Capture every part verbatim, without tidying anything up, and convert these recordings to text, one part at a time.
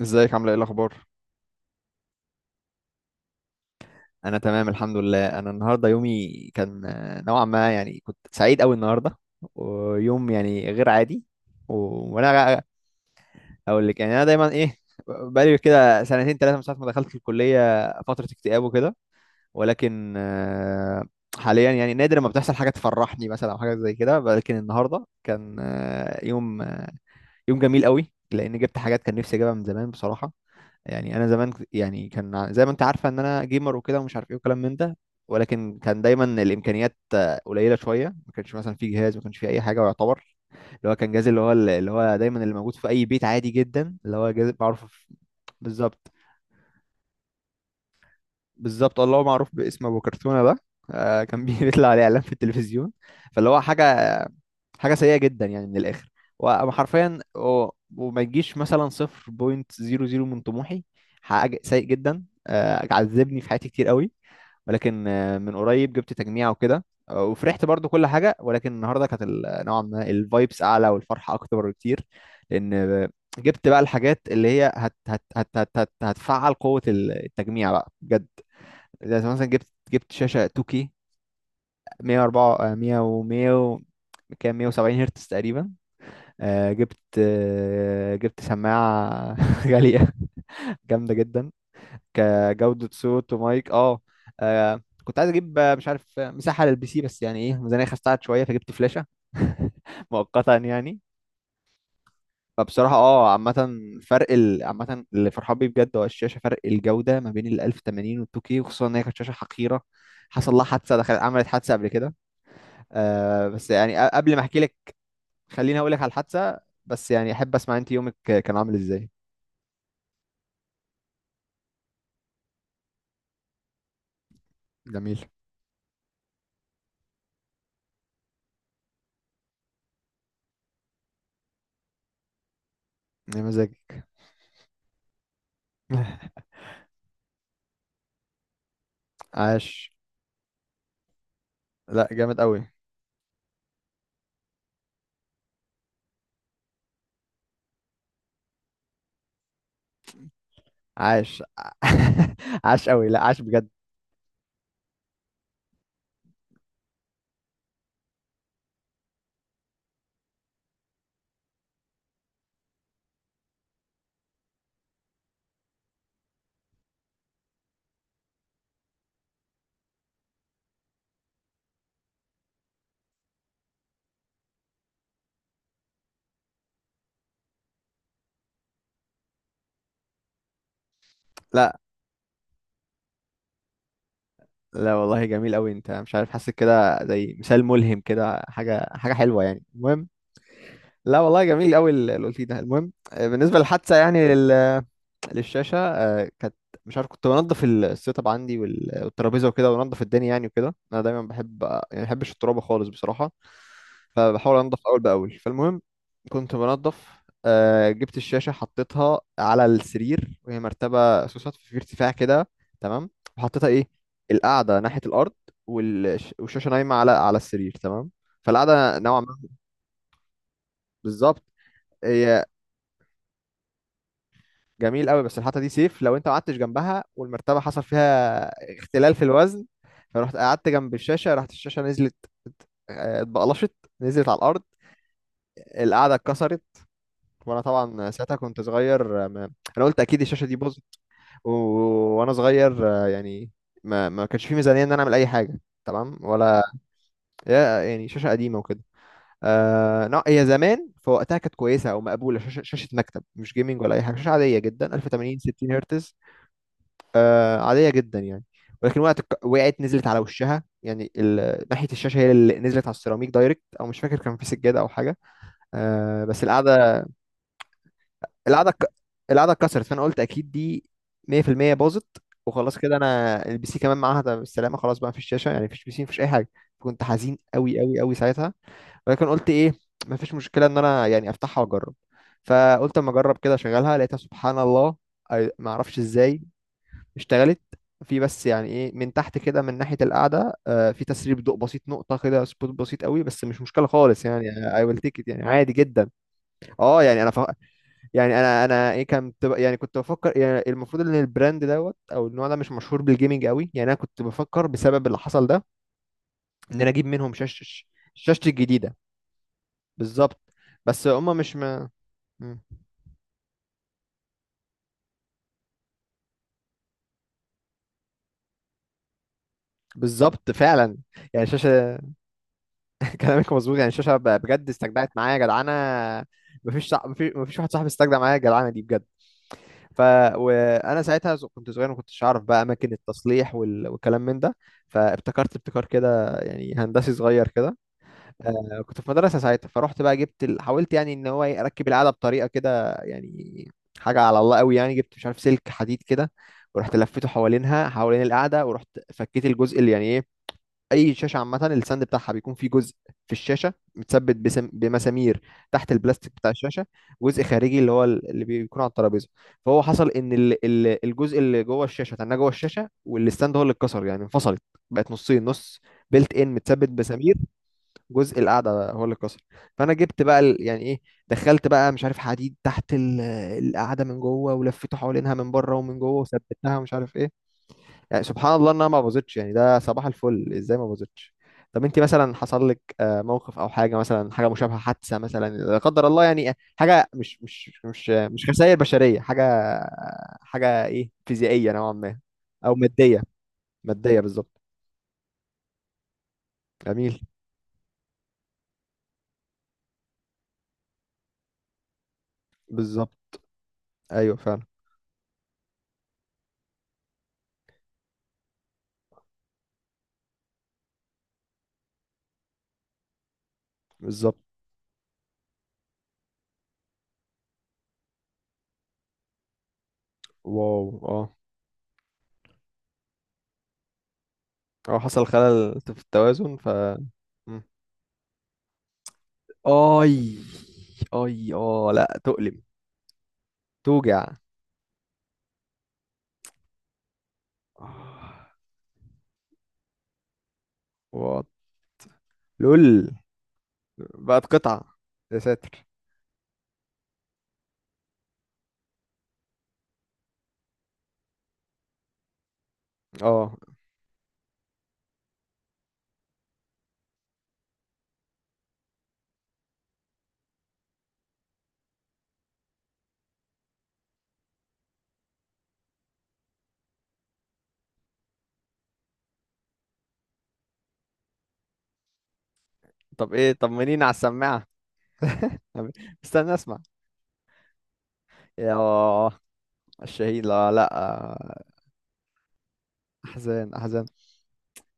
ازيك، عامله ايه، الاخبار؟ انا تمام الحمد لله. انا النهارده يومي كان آه، نوعا ما، يعني كنت سعيد قوي النهارده. ويوم يعني غير عادي. و... وانا غ- اقول لك، يعني انا دايما ايه. بقالي كده سنتين ثلاثه من ساعه ما دخلت الكليه، فتره اكتئاب وكده. ولكن آه، حاليا يعني نادر ما بتحصل حاجه تفرحني مثلا او حاجه زي كده. ولكن النهارده كان آه، يوم، يوم جميل قوي لان جبت حاجات كان نفسي اجيبها من زمان بصراحه. يعني انا زمان ك- يعني كان ع- زي ما انت عارفه ان انا جيمر وكده، ومش عارف ايه وكلام من ده. ولكن كان دايما الامكانيات آه، قليله شويه. ما كانش مثلا في جهاز، ما كانش في اي حاجه يعتبر. اللي هو كان جهاز، اللي هو اللي هو دايما اللي موجود في اي بيت عادي جدا، اللي هو جهاز بعرف. بالظبط، بالظبط، الله هو معروف باسم ابو كرتونه ده. آه، كان بي- بيطلع عليه اعلان في التلفزيون. فاللي هو حاجه، حاجه سيئه جدا يعني من الاخر. وحرفيا وما يجيش مثلا صفر فاصلة صفر صفر من طموحي. حاجه سيء جدا، آه، عذبني في حياتي كتير قوي. ولكن آه، من قريب جبت تجميع وكده، آه، وفرحت برضو كل حاجه. ولكن النهارده كانت ال- نوعا ما الفايبس اعلى والفرحه اكتر بكتير. لان آه، جبت بقى الحاجات اللي هي هت هت هت هت هت هتفعل قوه التجميع بقى بجد. زي مثلا جبت جبت شاشة تو كي، مية واربعة، آه، مية و مية و- كام، مية وسبعين هرتز تقريبا. آه، جبت آه، جبت سماعة غالية، جامدة جدا كجودة صوت ومايك. اه. آه، كنت عايز اجيب آه، مش عارف آه، مساحة للبي سي، بس يعني ايه، الميزانية خستعت شوية فجبت فلاشة مؤقتا يعني. فبصراحة اه عامة، فرق ال... عامة اللي فرحان بيه بجد هو الشاشة، فرق الجودة ما بين ال الف وثمانين وال تو كي. وخصوصا ان هي كانت شاشة حقيرة، حصل لها حادثة، دخلت عملت حادثة قبل كده. آه بس يعني أ- قبل ما احكي لك خليني اقول لك على الحادثه، بس يعني احب اسمع انت يومك كان عامل ازاي. جميل، يا مزاجك. عاش. لا جامد قوي، عاش. عاش قوي، لا عاش بجد. لا لا والله جميل قوي، انت مش عارف، حاسس كده زي مثال ملهم كده، حاجه، حاجه حلوه يعني. المهم، لا والله جميل قوي اللي قلتيه ده. المهم آه، بالنسبه للحادثه يعني، للشاشة آه، كانت، مش عارف، كنت بنضف ال- السيت اب عندي وال- والترابيزة وكده، وانضف الدنيا يعني وكده. انا دايما بحب يعني، ما بحبش الترابة خالص بصراحة، فبحاول انضف اول باول. فالمهم كنت بنضف، آه، جبت الشاشة حطيتها على السرير، وهي مرتبة سوست في ارتفاع كده، تمام. وحطيتها ايه، القاعدة ناحية الارض، والش- والشاشة نايمة على على السرير، تمام. فالقعدة نوعا ما، بالظبط. هي جميل قوي بس الحته دي سيف، لو انت ما قعدتش جنبها والمرتبه حصل فيها اختلال في الوزن. فرحت قعدت جنب الشاشه، راحت الشاشه نزلت. آه، اتبقلشت، نزلت على الارض، القعده اتكسرت. وانا طبعا ساعتها كنت صغير، آه، ما... انا قلت اكيد الشاشه دي باظت. و... وانا صغير آه، يعني ما ما كانش في ميزانيه ان انا اعمل اي حاجه، تمام ولا؟ يا- يعني شاشه قديمه وكده. آه، لا هي زمان في وقتها كانت كويسه او مقبوله، شاشه، شاشه مكتب، مش جيمنج ولا اي حاجه، شاشه عاديه جدا، الف وثمانين ستين هرتز. آه عادية جدا يعني. ولكن وقت الك- وقعت، نزلت على وشها، يعني ال- ناحية الشاشة هي اللي نزلت على السيراميك دايركت، أو مش فاكر كان في سجادة أو حاجة. آه بس القعدة، القعدة ك- القعدة اتكسرت. فأنا قلت أكيد دي مية في المية باظت، وخلاص كده أنا البي سي كمان معاها ده بالسلامة، خلاص بقى مفيش شاشة يعني، مفيش بي سي، مفيش أي حاجة. كنت حزين أوي أوي أوي ساعتها. ولكن قلت إيه، مفيش مشكلة إن أنا يعني أفتحها وأجرب. فقلت أما أجرب كده أشغلها، لقيتها سبحان الله، أي- معرفش إزاي اشتغلت. في بس يعني ايه، من تحت كده من ناحية القعدة آه، في تسريب ضوء بسيط، نقطة كده، سبوت بسيط قوي، بس مش مشكلة خالص يعني، اي ويل تيك، يعني عادي جدا. اه. يعني انا ف... يعني انا انا ايه كنت ب- يعني كنت بفكر يعني، المفروض ان البراند دوت او النوع ده مش مشهور بالجيمنج قوي، يعني انا كنت بفكر بسبب اللي حصل ده ان انا اجيب منهم شاشة، شاشتي الجديدة. بالظبط. بس هما مش ما... مم. بالظبط فعلا. يعني شاشة، كلامك مظبوط يعني. الشاشه ب- بجد استجدعت معايا يا جدعانه. مفيش صع- مفيش مفيش واحد صاحبي استجدع معايا يا جدعانه دي بجد. ف، وانا ساعتها ز- كنت صغير، ما كنتش اعرف بقى اماكن التصليح وال... والكلام من ده، فابتكرت ابتكار كده يعني هندسي صغير كده. آه، كنت في مدرسه ساعتها، فرحت بقى جبت ال... حاولت يعني ان هو إيه، اركب العاده بطريقه كده يعني، حاجه على الله قوي يعني. جبت مش عارف سلك حديد كده، ورحت لفيته حوالينها، حوالين القاعده، ورحت فكيت الجزء اللي يعني ايه، اي شاشه عامه الساند بتاعها بيكون فيه جزء في الشاشه متثبت بسم... بمسامير تحت البلاستيك بتاع الشاشه، جزء خارجي اللي هو ال- اللي بيكون على الترابيزه. فهو حصل ان ال... ال... الجزء اللي جوه الشاشه تناه جوه الشاشه، والستاند هو اللي اتكسر، يعني انفصلت، بقت نصين نص، بيلت ان متثبت بسامير. جزء القعده هو اللي اتكسر. فانا جبت بقى ال... يعني ايه، دخلت بقى مش عارف حديد تحت ال... القعده من جوه، ولفيته حوالينها من بره ومن جوه وثبتها ومش عارف ايه. يعني سبحان الله انها ما باظتش يعني، ده صباح الفل ازاي ما باظتش. طب انت مثلا حصل لك آه، موقف او حاجه، مثلا حاجه مشابهه، حادثه مثلا لا قدر الله يعني، آه، حاجه مش مش مش مش خسائر بشريه، حاجه، حاجه ايه فيزيائيه نوعا ما، او ماديه. ماديه بالظبط. جميل. بالظبط. ايوه فعلا. بالظبط. واو اه. اه، حصل خلل في التوازن ف. مم. اي، اي اه لا تؤلم، توجع. آه، واو، لول. بقت قطعة، يا ساتر. اه طب ايه، طمنيني على السماعة. استنى اسمع، يا الشهيد، لا لا. احزان، احزان.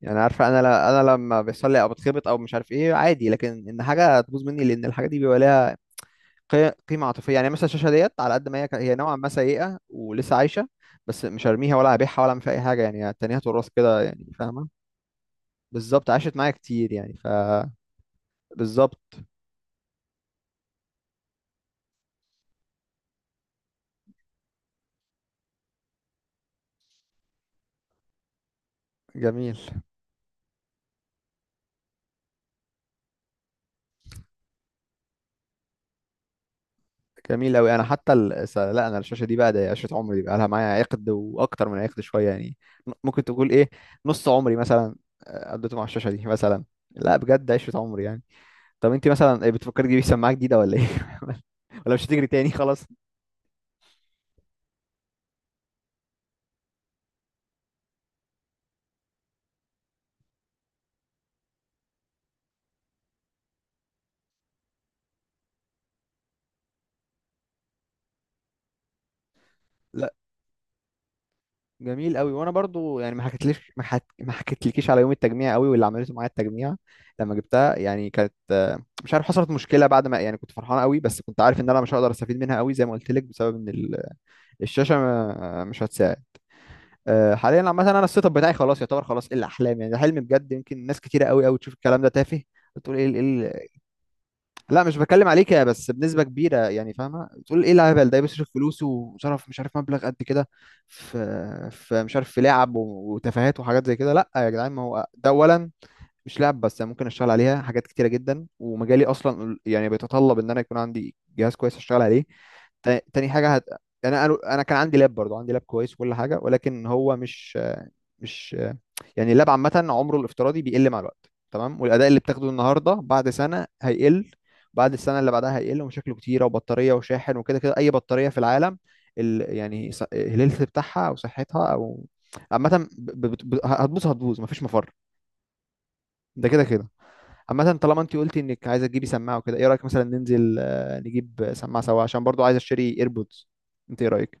يعني عارفة انا، لا انا لما بيحصل لي او بتخبط او مش عارف ايه عادي، لكن ان حاجة تبوظ مني، لان الحاجة دي بيبقى ليها قي- قيمة عاطفية يعني. مثلا الشاشة ديت على قد ما هي ك- هي نوعا ما سيئة ولسه عايشة، بس مش هرميها ولا هبيعها ولا اعمل فيها اي حاجة، يعني التانية هتورث كده يعني، فاهمة؟ بالظبط عاشت معايا كتير يعني، ف بالظبط. جميل، جميل أوي. أنا حتى ال... س- لا أنا الشاشة دي بقى ده عشرة عمري، دي بقى لها معايا عقد وأكتر من عقد شوية يعني، م- ممكن تقول إيه، نص عمري مثلا آه، قضيته مع الشاشة دي مثلا، لا بجد عشرة عمري يعني. طب أنت مثلا إيه، بتفكري تجيبي سماعة جديدة ولا إيه؟ ولا مش هتجري تاني خلاص؟ لا جميل أوي. وأنا برضو يعني ما حكيتليش، ما حك... ما حكيتلكيش على يوم التجميع أوي، واللي عملته معايا التجميع لما جبتها يعني، كانت آه، مش عارف، حصلت مشكلة بعد ما، يعني كنت فرحان أوي بس كنت عارف إن أنا مش هقدر أستفيد منها أوي زي ما قلت لك، بسبب إن ال... الشاشه ما- مش هتساعد. آه، حاليا عامه انا السيت اب بتاعي خلاص يعتبر، خلاص ايه الاحلام يعني، ده حلم بجد. يمكن ناس كتيره قوي قوي تشوف الكلام ده تافه، بتقول ايه ال- ايه ال- لا مش بتكلم عليك يا، بس بنسبه كبيره يعني، فاهمه. بتقول ايه الهبل ده، بيصرف فلوسه وصرف مش عارف مبلغ قد كده في في مش عارف في لعب و- وتفاهات وحاجات زي كده. لا يا جدعان، ما هو ده اولا مش لعب بس، أنا ممكن اشتغل عليها حاجات كتيره جدا، ومجالي اصلا يعني بيتطلب ان انا يكون عندي جهاز كويس اشتغل عليه. تا- تاني حاجه هت... يعني انا انا كان عندي لاب برضو، عندي لاب كويس وكل حاجه، ولكن هو مش مش يعني. اللاب عامه عمره الافتراضي بيقل مع الوقت، تمام، والاداء اللي بتاخده النهارده بعد سنه هيقل، بعد السنه اللي بعدها هيقل، ومشاكله كتيره، وبطاريه وشاحن وكده كده. اي بطاريه في العالم ال... يعني ص- الهيلث بتاعها او صحتها، او عامه ب... ب... ب... هتبوظ، هتبوظ مفيش مفر ده كده كده. عامة طالما انت قلتي انك عايزه تجيبي سماعه وكده، ايه رايك مثلا ننزل آه، نجيب سماعه سوا عشان برضو عايز اشتري ايربودز. انت ايه رايك؟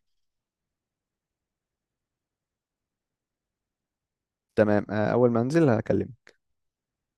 تمام، آه، اول ما انزل هكلمك.